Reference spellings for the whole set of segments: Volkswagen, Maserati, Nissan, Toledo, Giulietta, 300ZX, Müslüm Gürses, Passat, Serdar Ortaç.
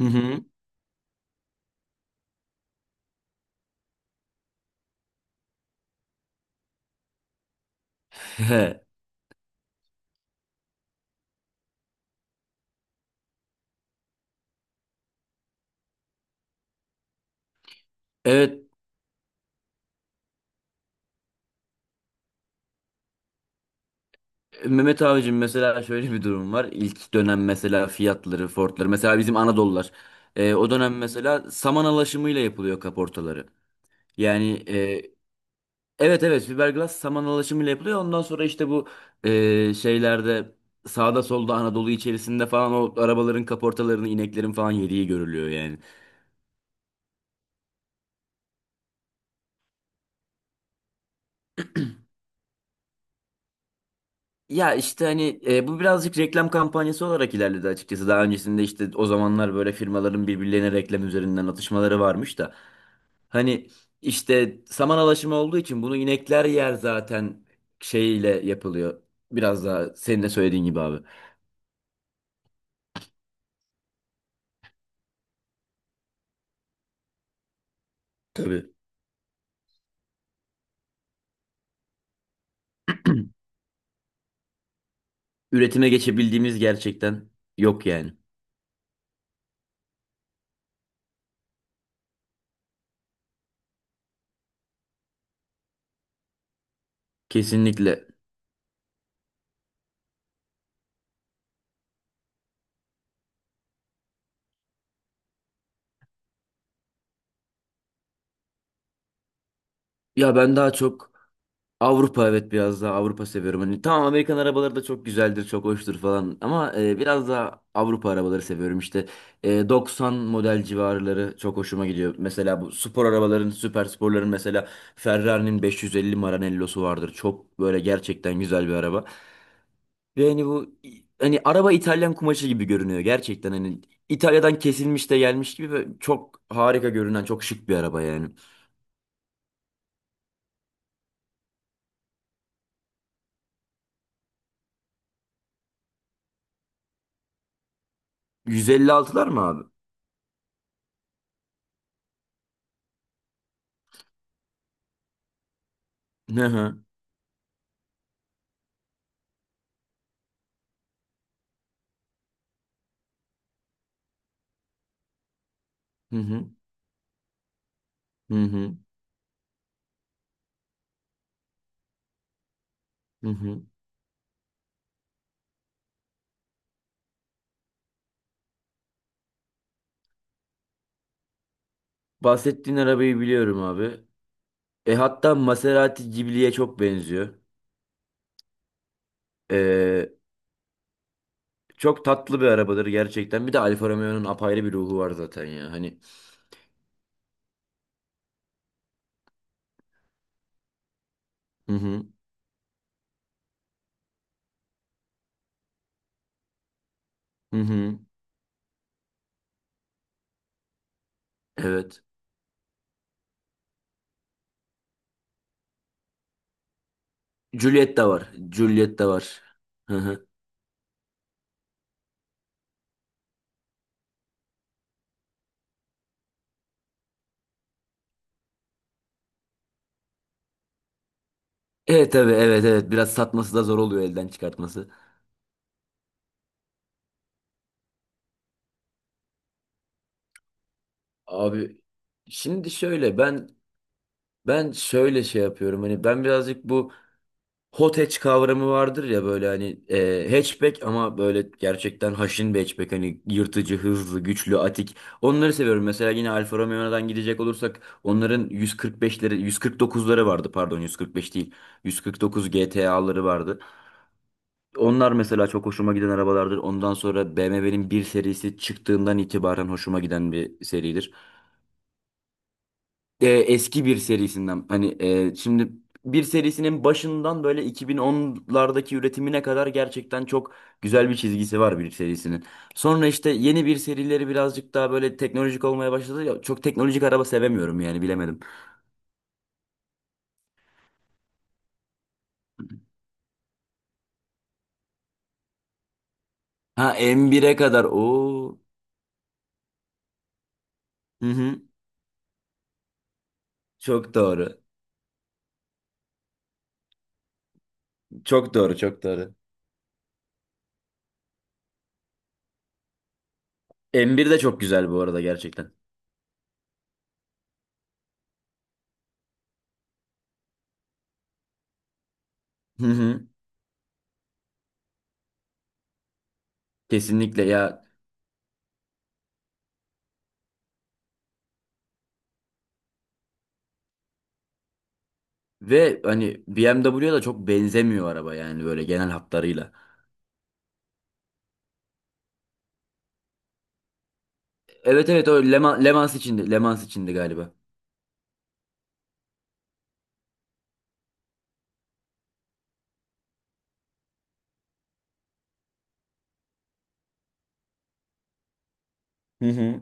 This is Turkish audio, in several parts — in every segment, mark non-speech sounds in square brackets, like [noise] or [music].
Hı hı. He. Evet Mehmet abicim mesela şöyle bir durum var. İlk dönem mesela fiyatları, fortları mesela bizim Anadolular. O dönem mesela saman alaşımıyla yapılıyor kaportaları. Yani evet evet fiberglass saman alaşımıyla yapılıyor. Ondan sonra işte bu şeylerde sağda solda Anadolu içerisinde falan o arabaların kaportalarını ineklerin falan yediği görülüyor yani. Ya işte hani bu birazcık reklam kampanyası olarak ilerledi açıkçası. Daha öncesinde işte o zamanlar böyle firmaların birbirlerine reklam üzerinden atışmaları varmış da. Hani işte saman alaşımı olduğu için bunu inekler yer zaten şeyiyle yapılıyor. Biraz daha senin de söylediğin gibi abi. Tabii. Üretime geçebildiğimiz gerçekten yok yani. Kesinlikle. Ya ben daha çok Avrupa, evet, biraz daha Avrupa seviyorum. Hani tamam Amerikan arabaları da çok güzeldir, çok hoştur falan ama biraz daha Avrupa arabaları seviyorum. İşte 90 model civarları çok hoşuma gidiyor. Mesela bu spor arabaların, süper sporların mesela Ferrari'nin 550 Maranello'su vardır. Çok böyle gerçekten güzel bir araba. Ve hani bu, hani araba İtalyan kumaşı gibi görünüyor gerçekten, hani İtalya'dan kesilmiş de gelmiş gibi ve çok harika görünen çok şık bir araba yani. 156'lar mı abi? Hı hı. Hı hı. Hı hı. Hı hı. Bahsettiğin arabayı biliyorum abi. E, hatta Maserati Ghibli'ye çok benziyor. E, çok tatlı bir arabadır gerçekten. Bir de Alfa Romeo'nun apayrı bir ruhu var zaten ya. Hani hı hı, hı hı. Evet. Giulietta var. Giulietta var. Hı hı. Evet tabii, evet evet, biraz satması da zor oluyor, elden çıkartması. Abi şimdi şöyle, ben şöyle şey yapıyorum. Hani ben birazcık bu Hot hatch kavramı vardır ya, böyle hani hatchback ama böyle gerçekten haşin bir hatchback, hani yırtıcı, hızlı, güçlü, atik. Onları seviyorum. Mesela yine Alfa Romeo'dan gidecek olursak onların 145'leri, 149'ları vardı, pardon 145 değil. 149 GTA'ları vardı. Onlar mesela çok hoşuma giden arabalardır. Ondan sonra BMW'nin bir serisi çıktığından itibaren hoşuma giden bir seridir, eski bir serisinden hani, şimdi bir serisinin başından böyle 2010'lardaki üretimine kadar gerçekten çok güzel bir çizgisi var bir serisinin. Sonra işte yeni bir serileri birazcık daha böyle teknolojik olmaya başladı. Ya, çok teknolojik araba sevemiyorum yani, bilemedim. Ha, M1'e kadar. Oo. Hı hı. Çok doğru. Çok doğru, çok doğru. M1 de çok güzel bu arada gerçekten. Hı hı. Kesinlikle ya. Ve hani BMW'ye da çok benzemiyor araba yani, böyle genel hatlarıyla. Evet evet, o Leman, Lemans içindi. Lemans içindi galiba. Hı hı.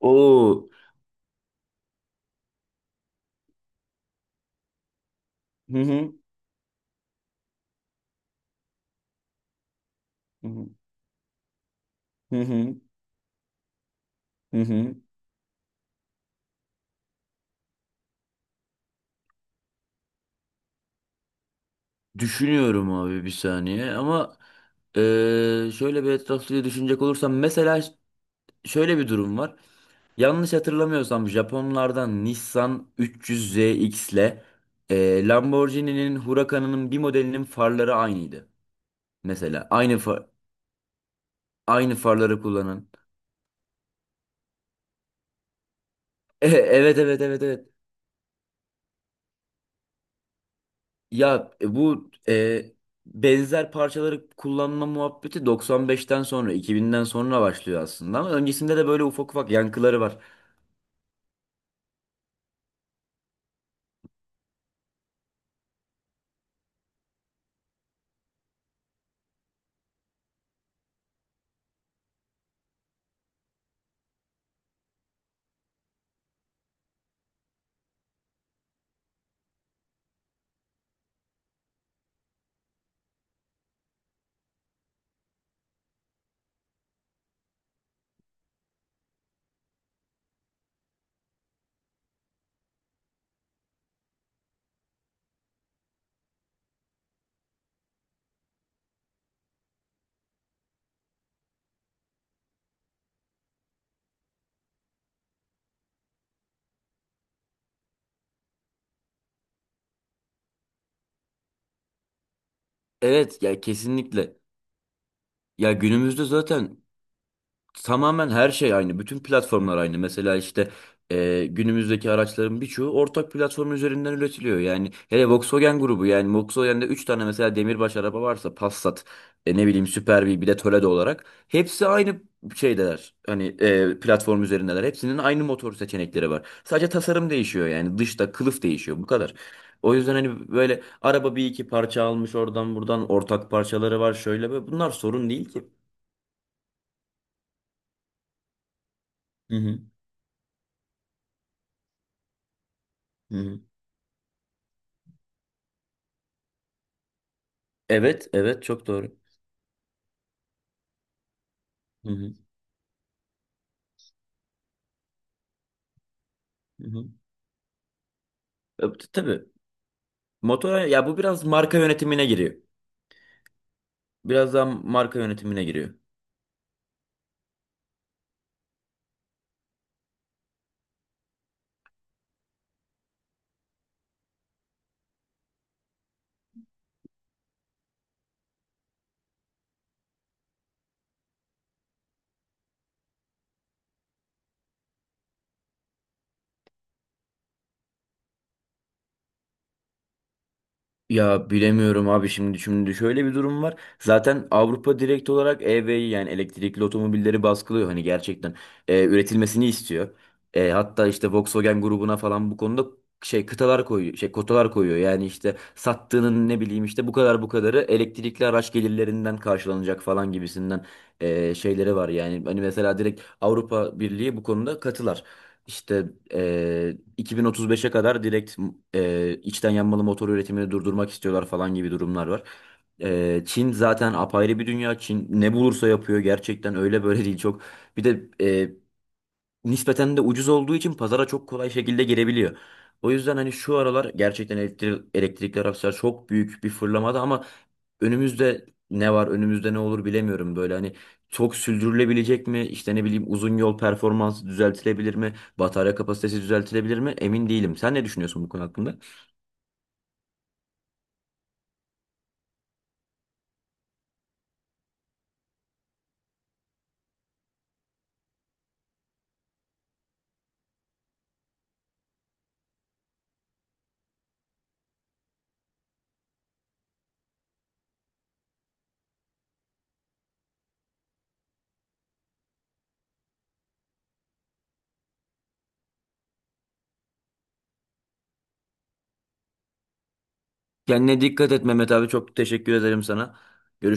Oo. Hı hı. Hı hı. Hı hı. Hı hı. Düşünüyorum abi, bir saniye, ama şöyle bir etraflıca düşünecek olursam mesela, şöyle bir durum var. Yanlış hatırlamıyorsam Japonlardan Nissan 300ZX ile Lamborghini'nin Huracan'ının bir modelinin farları aynıydı. Mesela aynı farları kullanan. [laughs] Evet evet evet evet. Ya, bu benzer parçaları kullanma muhabbeti 95'ten sonra, 2000'den sonra başlıyor aslında, ama öncesinde de böyle ufak ufak yankıları var. Evet ya, kesinlikle. Ya günümüzde zaten tamamen her şey aynı. Bütün platformlar aynı. Mesela işte günümüzdeki araçların birçoğu ortak platform üzerinden üretiliyor. Yani hele Volkswagen grubu, yani Volkswagen'de 3 tane mesela demirbaş araba varsa Passat, ne bileyim Super B, bir de Toledo olarak hepsi aynı şeydeler. Hani platform üzerindeler. Hepsinin aynı motor seçenekleri var. Sadece tasarım değişiyor, yani dışta kılıf değişiyor, bu kadar. O yüzden hani böyle araba bir iki parça almış oradan buradan, ortak parçaları var şöyle, ve bunlar sorun değil ki. Hı hı. Hı hı. Evet, evet, çok doğru. Hı hı, hı hı. Tabii motora, ya, bu biraz marka yönetimine giriyor. Biraz daha marka yönetimine giriyor. Ya bilemiyorum abi, şimdi şöyle bir durum var. Zaten Avrupa direkt olarak EV'yi, yani elektrikli otomobilleri baskılıyor, hani gerçekten üretilmesini istiyor. E, hatta işte Volkswagen grubuna falan bu konuda şey kıtalar koyuyor, şey kotalar koyuyor. Yani işte sattığının, ne bileyim, işte bu kadar bu kadarı elektrikli araç gelirlerinden karşılanacak falan gibisinden şeyleri var yani. Hani mesela direkt Avrupa Birliği bu konuda katılar. İşte 2035'e kadar direkt içten yanmalı motor üretimini durdurmak istiyorlar falan gibi durumlar var. Çin zaten apayrı bir dünya. Çin ne bulursa yapıyor gerçekten, öyle böyle değil, çok. Bir de nispeten de ucuz olduğu için pazara çok kolay şekilde girebiliyor. O yüzden hani şu aralar gerçekten elektrikli araçlar çok büyük bir fırlamada, ama önümüzde ne var, önümüzde ne olur bilemiyorum, böyle hani çok sürdürülebilecek mi, işte ne bileyim uzun yol performansı düzeltilebilir mi, batarya kapasitesi düzeltilebilir mi, emin değilim. Sen ne düşünüyorsun bu konu hakkında? Kendine dikkat et Mehmet abi, çok teşekkür ederim sana. Görüşürüz.